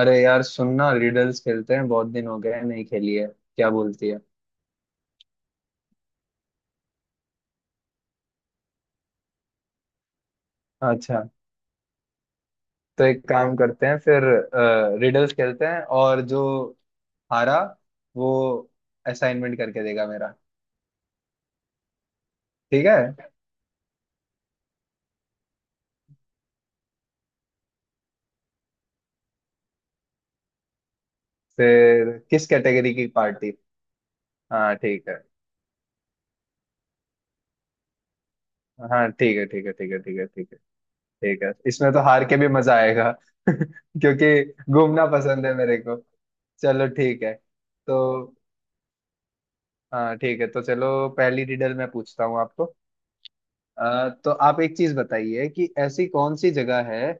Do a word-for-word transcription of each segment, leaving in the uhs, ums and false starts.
अरे यार, सुनना, रिडल्स खेलते हैं बहुत दिन हो गए हैं, नहीं खेली है, क्या बोलती है। अच्छा, तो एक काम करते हैं फिर, रिडल्स खेलते हैं और जो हारा वो असाइनमेंट करके देगा मेरा। ठीक है। फिर किस कैटेगरी की पार्टी। हाँ ठीक है। हाँ, ठीक है, ठीक है, ठीक है, ठीक है, ठीक है, ठीक है, इसमें तो हार के भी मजा आएगा क्योंकि घूमना पसंद है मेरे को। चलो ठीक है। तो हाँ ठीक है, तो चलो। पहली रिडल मैं पूछता हूँ आपको। अ, तो आप एक चीज बताइए कि ऐसी कौन सी जगह है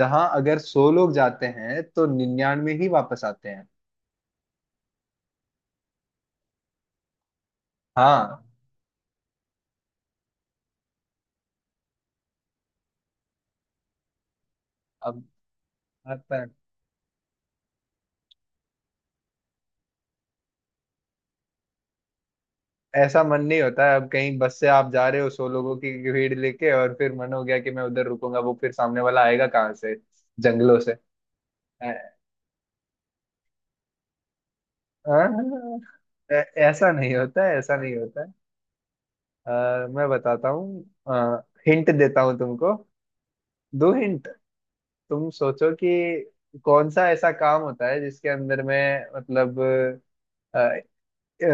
जहां अगर सौ लोग जाते हैं तो निन्यानवे ही वापस आते हैं। हाँ। अब अब ऐसा मन नहीं होता है। अब कहीं बस से आप जा रहे हो सौ लोगों की भीड़ लेके और फिर मन हो गया कि मैं उधर रुकूंगा, वो फिर सामने वाला आएगा कहाँ से, जंगलों से। अ, अ, अ, ऐसा नहीं होता है, ऐसा नहीं होता है। अ, मैं बताता हूँ, हिंट देता हूँ तुमको। दो हिंट। तुम सोचो कि कौन सा ऐसा काम होता है जिसके अंदर में मतलब, अ, अ,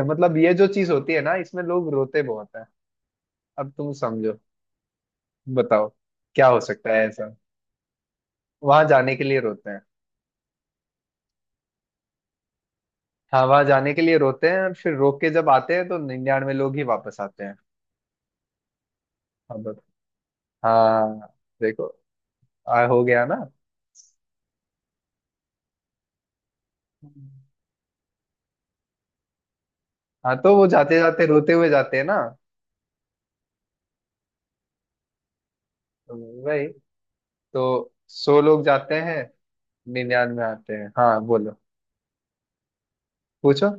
मतलब ये जो चीज होती है ना, इसमें लोग रोते बहुत हैं। अब तुम समझो, बताओ, क्या हो सकता है ऐसा। वहां जाने के लिए रोते हैं। हाँ वहां जाने के लिए रोते हैं, और फिर रो के जब आते हैं तो निन्यानवे लोग ही वापस आते हैं। हाँ बत- हाँ, देखो, आ, हो गया ना। हाँ तो वो जाते जाते रोते हुए जाते हैं ना, तो वही। तो सौ लोग जाते हैं, निन्यानवे आते हैं। हाँ बोलो, पूछो।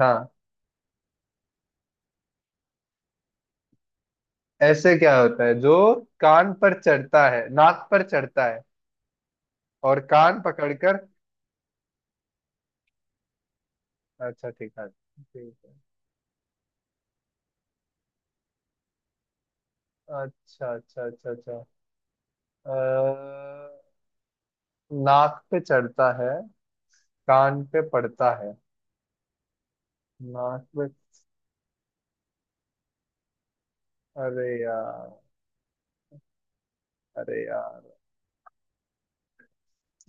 हाँ, ऐसे क्या होता है जो कान पर चढ़ता है, नाक पर चढ़ता है और कान पकड़कर। अच्छा, ठीक है, ठीक है। अच्छा अच्छा अच्छा अच्छा, अ, नाक पे चढ़ता है, कान पे पड़ता है, नाक पे। अरे यार, अरे यार,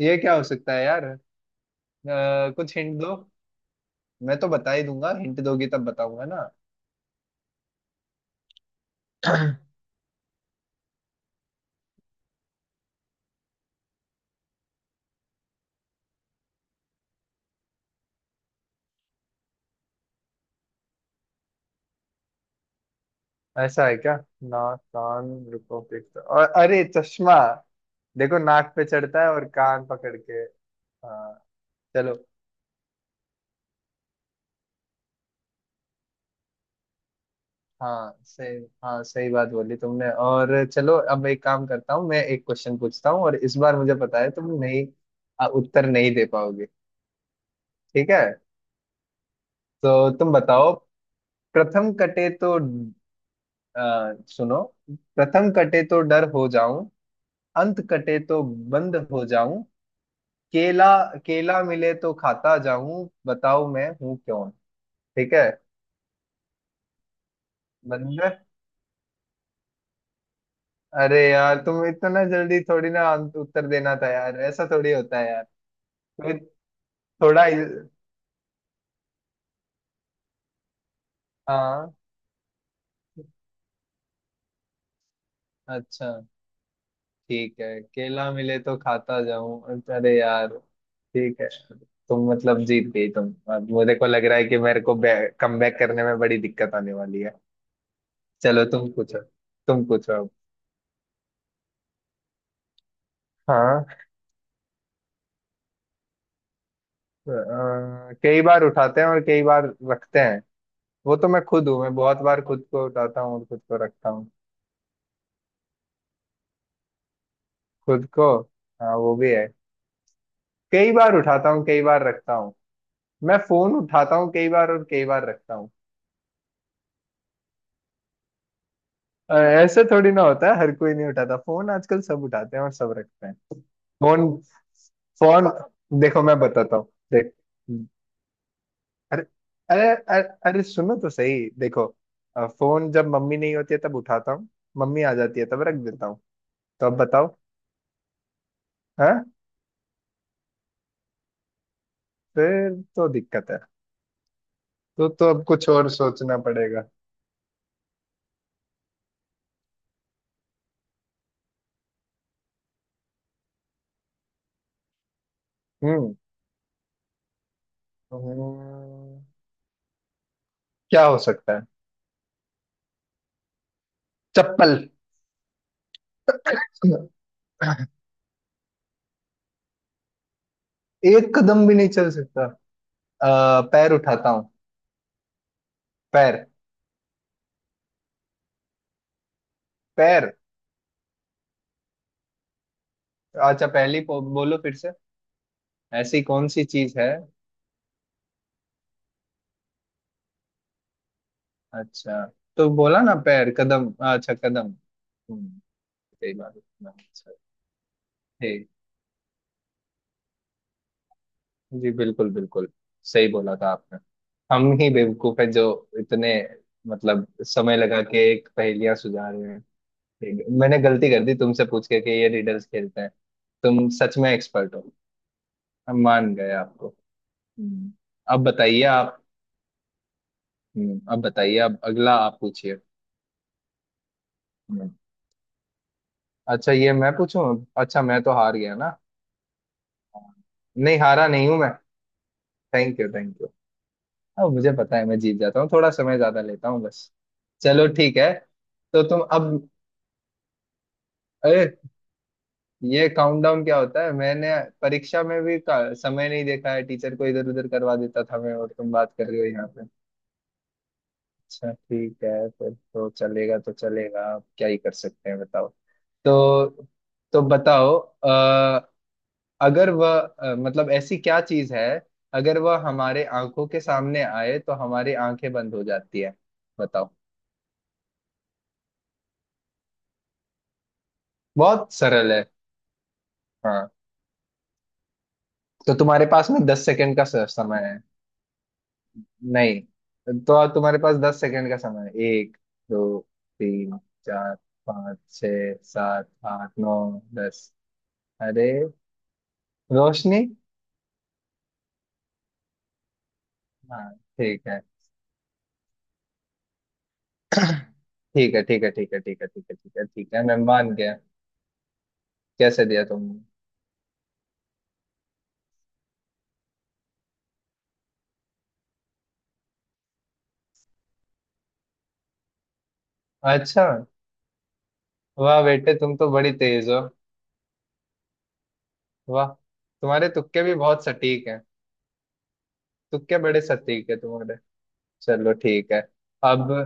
ये क्या हो सकता है यार, अ, कुछ हिंट दो। मैं तो बता ही दूंगा, हिंट दोगी तब बताऊंगा ना। ऐसा है क्या, नाक कान रुको देखते, और अरे चश्मा। देखो नाक पे चढ़ता है और कान पकड़ के। हाँ, चलो। हाँ सही, हाँ सही बात बोली तुमने। और चलो अब एक काम करता हूँ, मैं एक क्वेश्चन पूछता हूँ और इस बार मुझे पता है तुम नहीं आ, उत्तर नहीं दे पाओगे। ठीक है, तो तुम बताओ, प्रथम कटे तो, आ, सुनो, प्रथम कटे तो डर हो जाऊं, अंत कटे तो बंद हो जाऊं, केला, केला मिले तो खाता जाऊं, बताओ मैं हूं कौन। ठीक है, बंद। अरे यार तुम इतना जल्दी थोड़ी ना आंस- उत्तर देना था यार, ऐसा थोड़ी होता है यार तुम्हें। थोड़ा इल- हाँ अच्छा ठीक है, केला मिले तो खाता जाऊं, अरे यार। ठीक है। तुम मतलब जीत गई तुम, अब मुझे को लग रहा है कि मेरे को कमबैक करने में बड़ी दिक्कत आने वाली है। चलो तुम पूछो, तुम पूछो अब। हाँ, अ, कई बार उठाते हैं और कई बार रखते हैं, वो तो मैं खुद हूँ, मैं बहुत बार खुद को उठाता हूँ और खुद को रखता हूँ। खुद को, हाँ वो भी है, कई बार उठाता हूँ कई बार रखता हूँ। मैं फोन उठाता हूँ कई बार और कई बार रखता हूँ। अ, ऐसे थोड़ी ना होता है, हर कोई नहीं उठाता, फोन आजकल सब उठाते हैं और सब रखते हैं। फोन, फोन, देखो मैं बताता हूँ, देख अरे, अरे अरे, अरे सुनो तो सही, देखो अ, फोन जब मम्मी नहीं होती है तब उठाता हूँ, मम्मी आ जाती है तब रख देता हूँ। तो अब बताओ। हाँ, फिर तो दिक्कत है। तो तो अब कुछ और सोचना पड़ेगा। हम्म। हम्म, क्या हो सकता है। चप्पल, एक कदम भी नहीं चल सकता। आ, पैर उठाता हूँ, पैर, पैर। अच्छा पहली पो- बोलो फिर से, ऐसी कौन सी चीज है। अच्छा, तो बोला ना, पैर कदम, अच्छा कदम। हम्म, सही बात है। अच्छा। ठीक, जी बिल्कुल बिल्कुल, सही बोला था आपने। हम ही बेवकूफ है जो इतने मतलब समय लगा के एक पहेलियां सुझा रहे हैं। ठीक है। मैंने गलती कर दी तुमसे पूछ के कि ये रीडल्स खेलते हैं, तुम सच में एक्सपर्ट हो, हम मान गए आपको। हम्म। अब बताइए आप। हम्म, अब बताइए, अब अगला आप पूछिए। हम्म, अच्छा ये मैं पूछूं। अच्छा मैं तो हार गया ना, नहीं हारा नहीं हूं मैं, थैंक यू थैंक यू। अब मुझे पता है मैं जीत जाता हूँ, थोड़ा समय ज्यादा लेता हूँ बस। चलो ठीक है। तो तुम अब, अरे, ये काउंटडाउन क्या होता है, मैंने परीक्षा में भी का, समय नहीं देखा है, टीचर को इधर उधर करवा देता था मैं, और तुम बात कर रहे हो यहाँ। अच्छा ठीक है, फिर तो चलेगा, तो चलेगा, अब क्या ही कर सकते हैं बताओ। तो तो बताओ, अ, अगर वह अ, मतलब ऐसी क्या चीज है अगर वह हमारे आंखों के सामने आए तो हमारी आंखें बंद हो जाती है, बताओ। बहुत सरल है। हाँ, तो तुम्हारे पास में दस सेकंड का स- समय है। नहीं, तो अब तुम्हारे पास दस सेकंड का समय है, एक, दो, तीन, चार, पाँच, छः, सात, आठ, नौ, दस। अरे, रोशनी! हाँ, ठीक है, ठीक है, ठीक है, ठीक है, ठीक है, ठीक है, ठीक है, ठीक है, मैं मान गया। कैसे दिया तुमने। अच्छा, वाह बेटे तुम तो बड़ी तेज हो। वाह, तुम्हारे तुक्के भी बहुत सटीक हैं, तुक्के बड़े सटीक है तुम्हारे। चलो ठीक है। अब,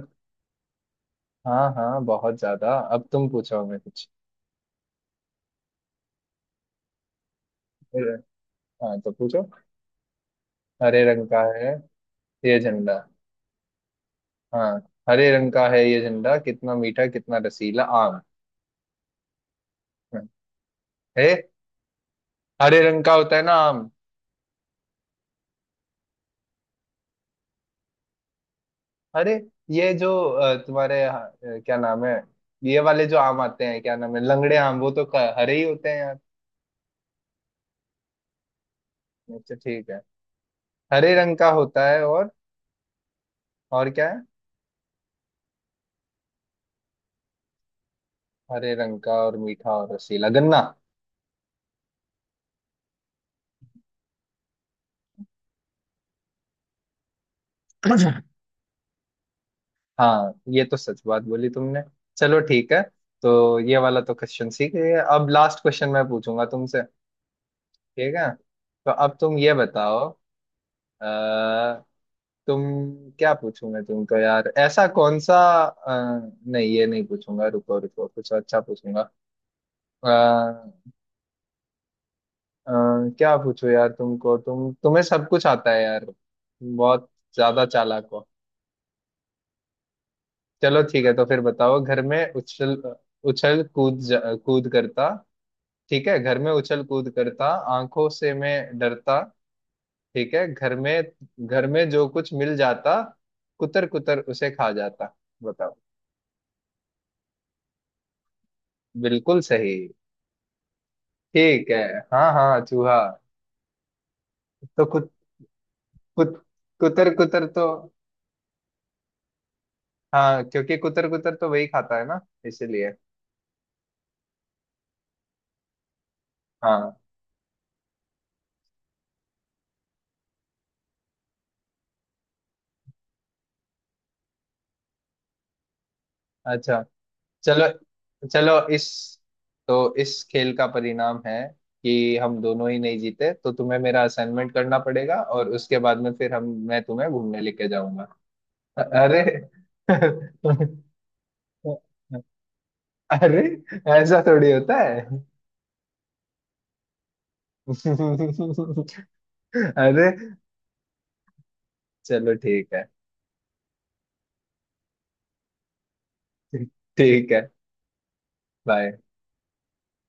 हाँ हाँ, बहुत ज्यादा, अब तुम पूछो हमें कुछ। हाँ तो पूछो। हरे रंग का है ये झंडा। हाँ, हरे रंग का है ये झंडा कितना मीठा कितना रसीला, आम है, हरे रंग का होता है ना आम। अरे ये जो अ, तुम्हारे अ, क्या नाम है, ये वाले जो आम आते हैं, क्या नाम है, लंगड़े आम, वो तो क- हरे ही होते हैं यार। अच्छा ठीक है, हरे रंग का होता है और और क्या है, हरे रंग का और मीठा और रसीला, गन्ना। हाँ, ये तो सच बात बोली तुमने। चलो ठीक है, तो ये वाला तो क्वेश्चन सीख गए, अब लास्ट क्वेश्चन मैं पूछूंगा तुमसे। ठीक है, तो अब तुम ये बताओ, अ, तुम, क्या पूछूंगा तुमको यार, ऐसा कौन सा, अ, नहीं ये नहीं पूछूंगा, रुको रुको, कुछ अच्छा पूछूंगा। अ, अ, क्या पूछूं यार तुमको, तुम तुम्हें सब कुछ आता है यार, तुम बहुत ज्यादा चालाक हो। चलो ठीक है, तो फिर बताओ, घर में उछल, उछल कूद जा- कूद करता, ठीक है, घर में उछल कूद करता, आंखों से मैं डरता, ठीक है घर में, घर में जो कुछ मिल जाता, कुतर कुतर उसे खा जाता, बताओ। बिल्कुल सही, ठीक है, हाँ हाँ चूहा। तो कुत कुत कुतर कुतर तो, हाँ क्योंकि कुतर कुतर तो वही खाता है ना, इसीलिए। हाँ, अच्छा, चलो। चलो इस तो इस खेल का परिणाम है कि हम दोनों ही नहीं जीते, तो तुम्हें मेरा असाइनमेंट करना पड़ेगा और उसके बाद में फिर हम मैं तुम्हें घूमने लेके जाऊंगा। अ- अरे, अरे, ऐसा थोड़ी होता है, अरे, चलो ठीक है, ठीक है, बाय।